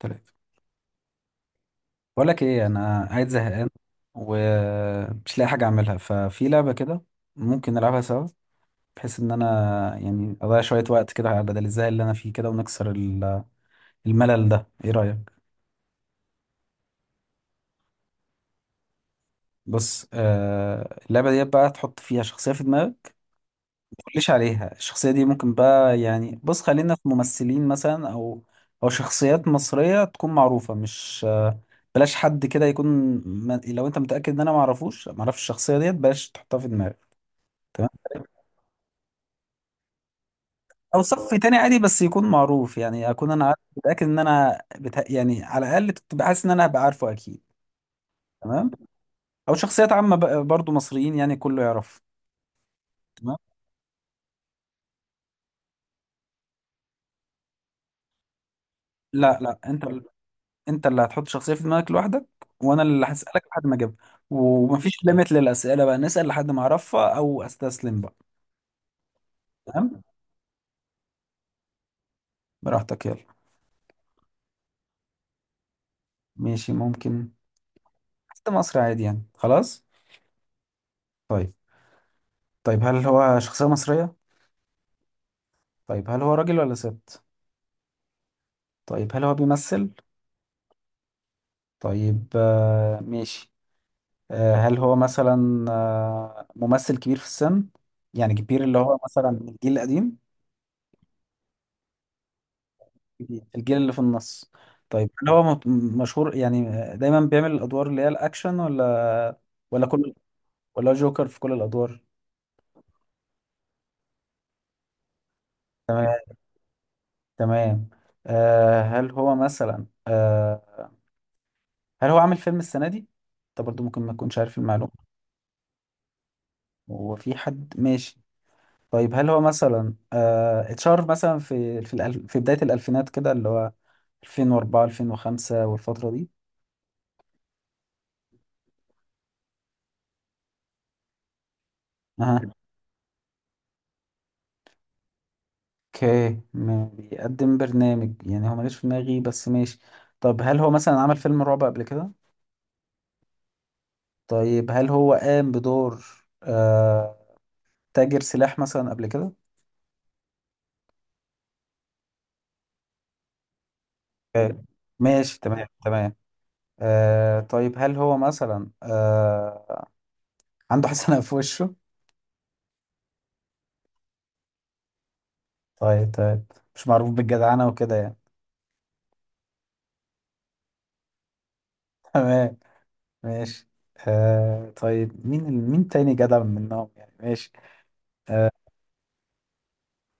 تلاتة. بقول لك ايه، انا قاعد زهقان ومش لاقي حاجه اعملها، ففي لعبه كده ممكن نلعبها سوا، بحيث ان انا يعني اضيع شويه وقت كده على بدل الزهق اللي انا فيه كده، ونكسر الملل ده. ايه رايك؟ بص، اللعبه دي بقى تحط فيها شخصيه في دماغك، ما تقوليش عليها. الشخصيه دي ممكن بقى يعني بص، خلينا في ممثلين مثلا، او شخصيات مصريه تكون معروفه، مش بلاش حد كده يكون لو انت متاكد ان انا ما اعرفش الشخصيه ديت بلاش تحطها في دماغك. تمام؟ او صف تاني عادي، بس يكون معروف يعني اكون انا عارف متاكد ان يعني على الاقل تبقى حاسس ان انا هبقى عارفه اكيد. تمام. او شخصيات عامه برضو مصريين، يعني كله يعرف. تمام. لا لا، انت انت اللي هتحط شخصيه في دماغك لوحدك، وانا اللي هسالك لحد ما اجيبها. ومفيش ليميت للاسئله بقى، نسال لحد ما اعرفها او استسلم بقى. تمام. براحتك، يلا. ماشي ممكن. حتى مصر عادي يعني، خلاص. طيب، طيب هل هو شخصيه مصريه؟ طيب هل هو راجل ولا ست؟ طيب هل هو بيمثل؟ طيب، ماشي. هل هو مثلا ممثل كبير في السن؟ يعني كبير اللي هو مثلا من الجيل القديم. كبير الجيل اللي في النص. طيب هل هو مشهور يعني، دايما بيعمل الادوار اللي هي الاكشن، ولا كل ولا جوكر في كل الادوار؟ تمام. تمام. هل هو مثلا هل هو عامل فيلم السنة دي؟ انت برضو ممكن ما تكونش عارف المعلومة. هو في حد ماشي. طيب هل هو مثلا اتشهر مثلا في الألف، في بداية الألفينات كده، اللي هو 2004 2005 والفترة دي؟ اها. اوكي، ما بيقدم برنامج يعني، هو ماليش في دماغي، بس ماشي. طب هل هو مثلا عمل فيلم رعب قبل كده؟ طيب هل هو قام بدور آه تاجر سلاح مثلا قبل كده؟ آه، ماشي، تمام تمام. طيب هل هو مثلا عنده حسنة في وشه؟ طيب طيب، مش معروف بالجدعنة وكده يعني. تمام، ماشي. طيب، مين تاني جدع منهم يعني، ماشي. آه،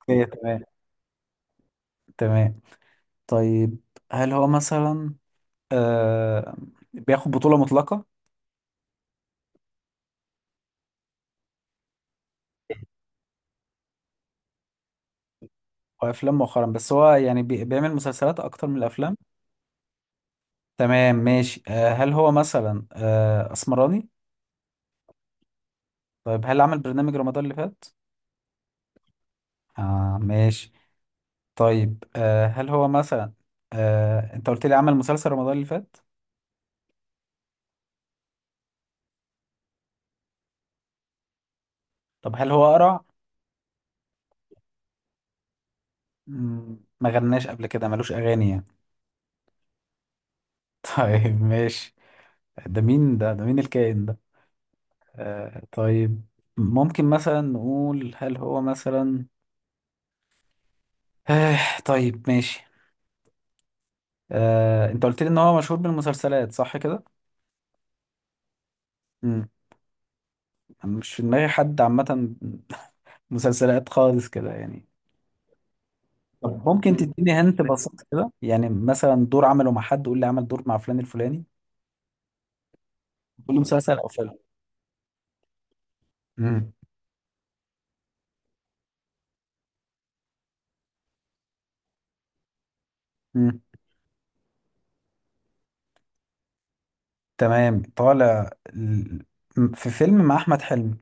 اوكي، تمام تمام. طيب هل هو مثلا آه بياخد بطولة مطلقة وأفلام مؤخرا؟ بس هو يعني بيعمل مسلسلات أكتر من الأفلام. تمام ماشي. هل هو مثلا أسمراني؟ طيب هل عمل برنامج رمضان اللي فات؟ آه، ماشي. طيب، هل هو مثلا أنت قلت لي عمل مسلسل رمضان اللي فات؟ طب هل هو قرع؟ ما غناش قبل كده، ملوش أغاني يعني؟ طيب ماشي. ده مين ده، مين الكائن ده؟ آه طيب، ممكن مثلا نقول هل هو مثلا آه طيب ماشي. آه، انت قلت لي ان هو مشهور بالمسلسلات، صح كده؟ امم أنا مش في دماغي حد عامة. مسلسلات خالص كده يعني. طب ممكن تديني هنت بسيط كده يعني، مثلا دور عمله مع حد، قول لي عمل دور مع فلان الفلاني. قول لي مسلسل او فيلم. امم امم تمام، في فيلم مع احمد حلمي.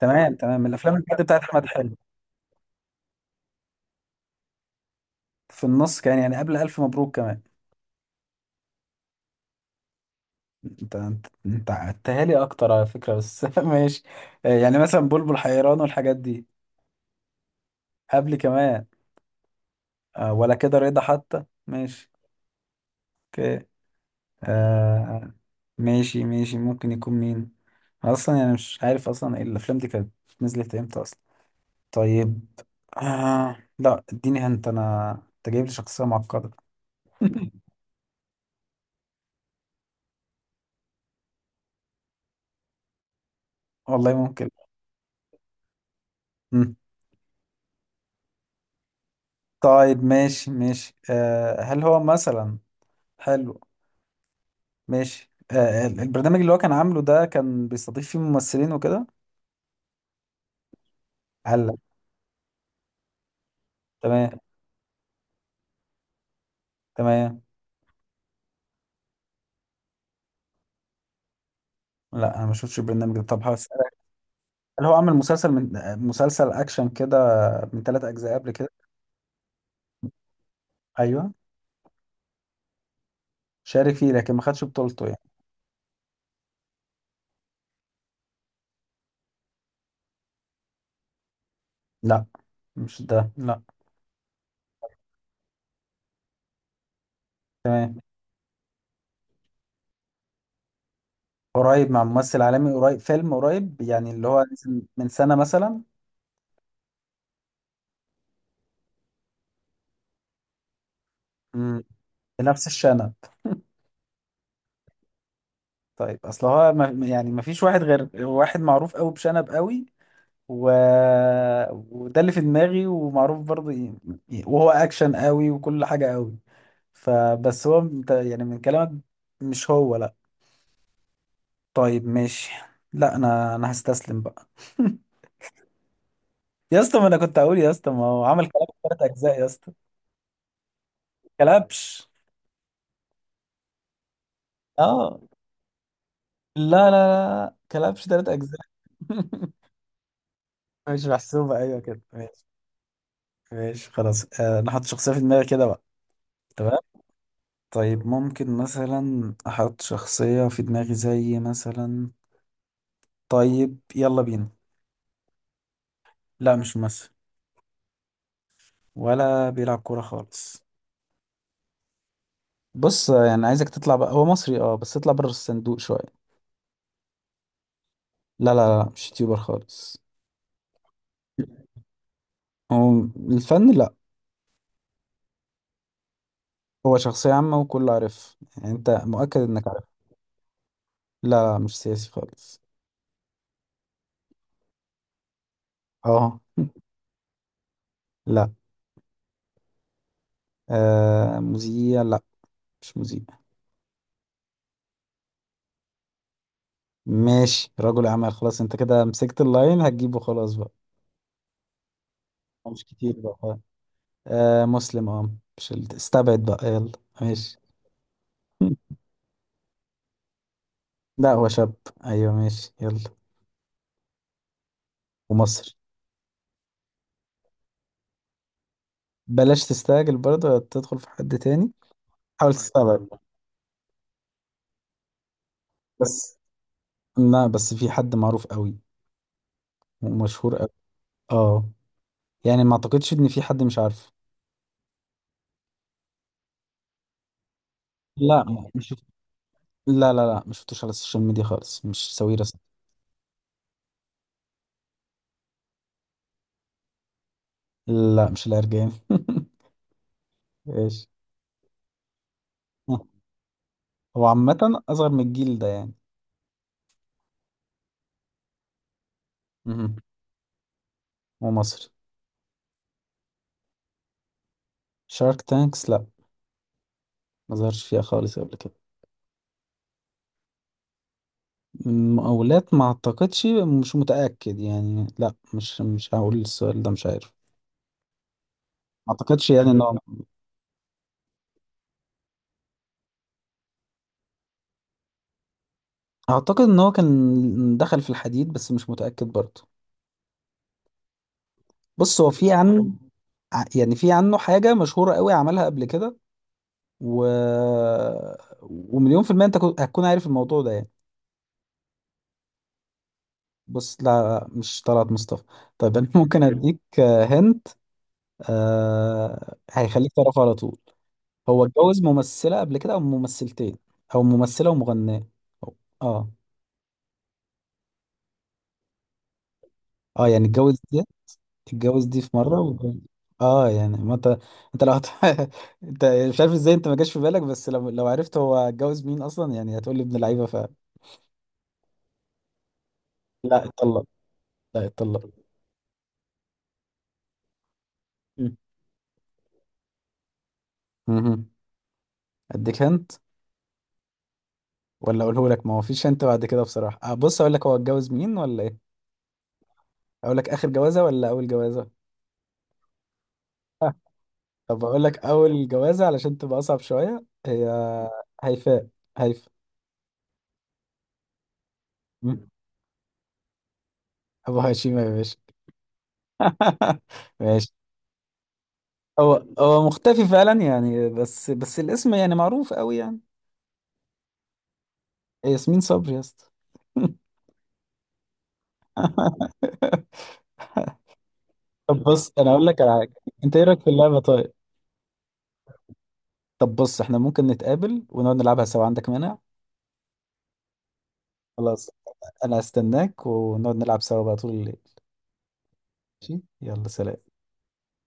تمام تمام، من الافلام الجد بتاعت احمد حلمي. في النص كان يعني، قبل الف مبروك كمان. انت عدتها لي اكتر على فكره، بس ماشي. آه، يعني مثلا بلبل حيران والحاجات دي. قبل كمان. آه، ولا كده رضا حتى، ماشي. اوكي، آه ماشي ماشي. ممكن يكون مين اصلا يعني؟ مش عارف اصلا ايه الافلام دي كانت نزلت امتى اصلا. طيب، آه لا اديني انت انا. انت جايب لي شخصيه معقده. والله ممكن. مم. طيب ماشي ماشي. هل هو مثلا حلو. ماشي. آه، البرنامج اللي هو كان عامله ده، كان بيستضيف فيه ممثلين وكده. هلا، تمام تمام. لا انا ما شفتش البرنامج ده. طب هسألك، هل هو عمل مسلسل من مسلسل اكشن كده، من ثلاث اجزاء قبل كده؟ ايوه. شارك فيه، لكن ما خدش بطولته يعني. لا مش ده، لا. تمام. قريب مع ممثل عالمي. قريب فيلم قريب يعني، اللي هو نزل من سنة مثلا. امم. بنفس الشنب. طيب، اصل هو ما يعني ما فيش واحد غير واحد معروف قوي بشنب قوي، و... وده اللي في دماغي، ومعروف برضه وهو اكشن قوي وكل حاجة قوي، فبس هو انت يعني من كلامك مش هو، لا. طيب ماشي. لا انا، هستسلم بقى. يا اسطى، ما انا كنت اقول يا اسطى ما هو عمل كلاب ثلاث اجزاء يا اسطى. كلبش. اه لا لا لا، كلبش ثلاث اجزاء. مش محسوبة، ايوه كده ماشي. ماشي خلاص. آه، انا حاطط شخصية في دماغي كده بقى. تمام. طيب ممكن مثلا احط شخصية في دماغي زي مثلا، طيب يلا بينا. لا مش ممثل. ولا بيلعب كورة خالص. بص يعني، عايزك تطلع بقى هو مصري اه، بس اطلع بره الصندوق شوية. لا لا لا، مش يوتيوبر خالص. هو الفن، لا. هو شخصية عامة وكله عارف يعني، انت مؤكد انك عارف. لا لا، مش سياسي خالص. اه. لا، مذيع لا، مش مذيع. ماشي، رجل أعمال. خلاص، انت كده مسكت اللاين هتجيبه خلاص بقى. مش كتير بقى. آه، مسلم اه. مش استبعد بقى يلا. ماشي. لا هو شاب، ايوه ماشي يلا. ومصري. بلاش تستعجل برضه، ولا تدخل في حد تاني. حاول تستبعد. بس لا، بس في حد معروف قوي ومشهور قوي. اه، يعني ما اعتقدش ان في حد مش عارفه. لا ما- مش شفت- لا لا لا، مش شفتوش على السوشيال ميديا خالص، مش سوي رسم. لا مش العرجاني. ماشي. هو عامة أصغر من الجيل ده يعني. مهم. ومصري. شارك تانكس، لا. ما ظهرش فيها خالص قبل كده. مقاولات ما اعتقدش، مش متأكد يعني، لا مش مش هقول السؤال ده، مش عارف. ما اعتقدش يعني ان هو. اعتقد ان هو كان دخل في الحديد، بس مش متأكد برضه. بص هو في عنه، يعني في عنه حاجة مشهورة قوي عملها قبل كده، و... ومليون في المية انت هتكون عارف الموضوع ده يعني. بص لا، مش طلعت مصطفى. طيب انا ممكن اديك هنت آه... hint، آه، هيخليك تعرفه على طول. هو اتجوز ممثلة قبل كده، أو ممثلتين، أو ممثلة ومغنية، أو اه. اه يعني اتجوز دي. اتجوز دي في مرة و... اه يعني ما انت، انت لو هت... انت مش عارف ازاي، انت ما جاش في بالك، بس لو لو عرفت هو اتجوز مين اصلا، يعني هتقول لي ابن لعيبة ف. لا اتطلق. لا اتطلق. مم. مهم. اديك هنت، ولا اقوله لك ما هو فيش هنت بعد كده بصراحة. آه بص، اقول لك هو اتجوز مين ولا ايه. اقول لك اخر جوازة ولا اول جوازة؟ طب اقول لك اول جوازة علشان تبقى اصعب شوية، هي هيفاء. هيفاء. مم. ابو هشيمة يا باشا. ماشي. هو هو مختفي فعلا يعني، بس بس الاسم يعني معروف قوي يعني. ياسمين صبري يا اسطى. طب بص انا اقول لك على حاجه، انت ايه رايك في اللعبه طيب؟ طب بص، احنا ممكن نتقابل ونقعد نلعبها سوا، عندك مانع؟ خلاص. انا هستناك، ونقعد نلعب سوا بقى طول الليل. ماشي، يلا سلام.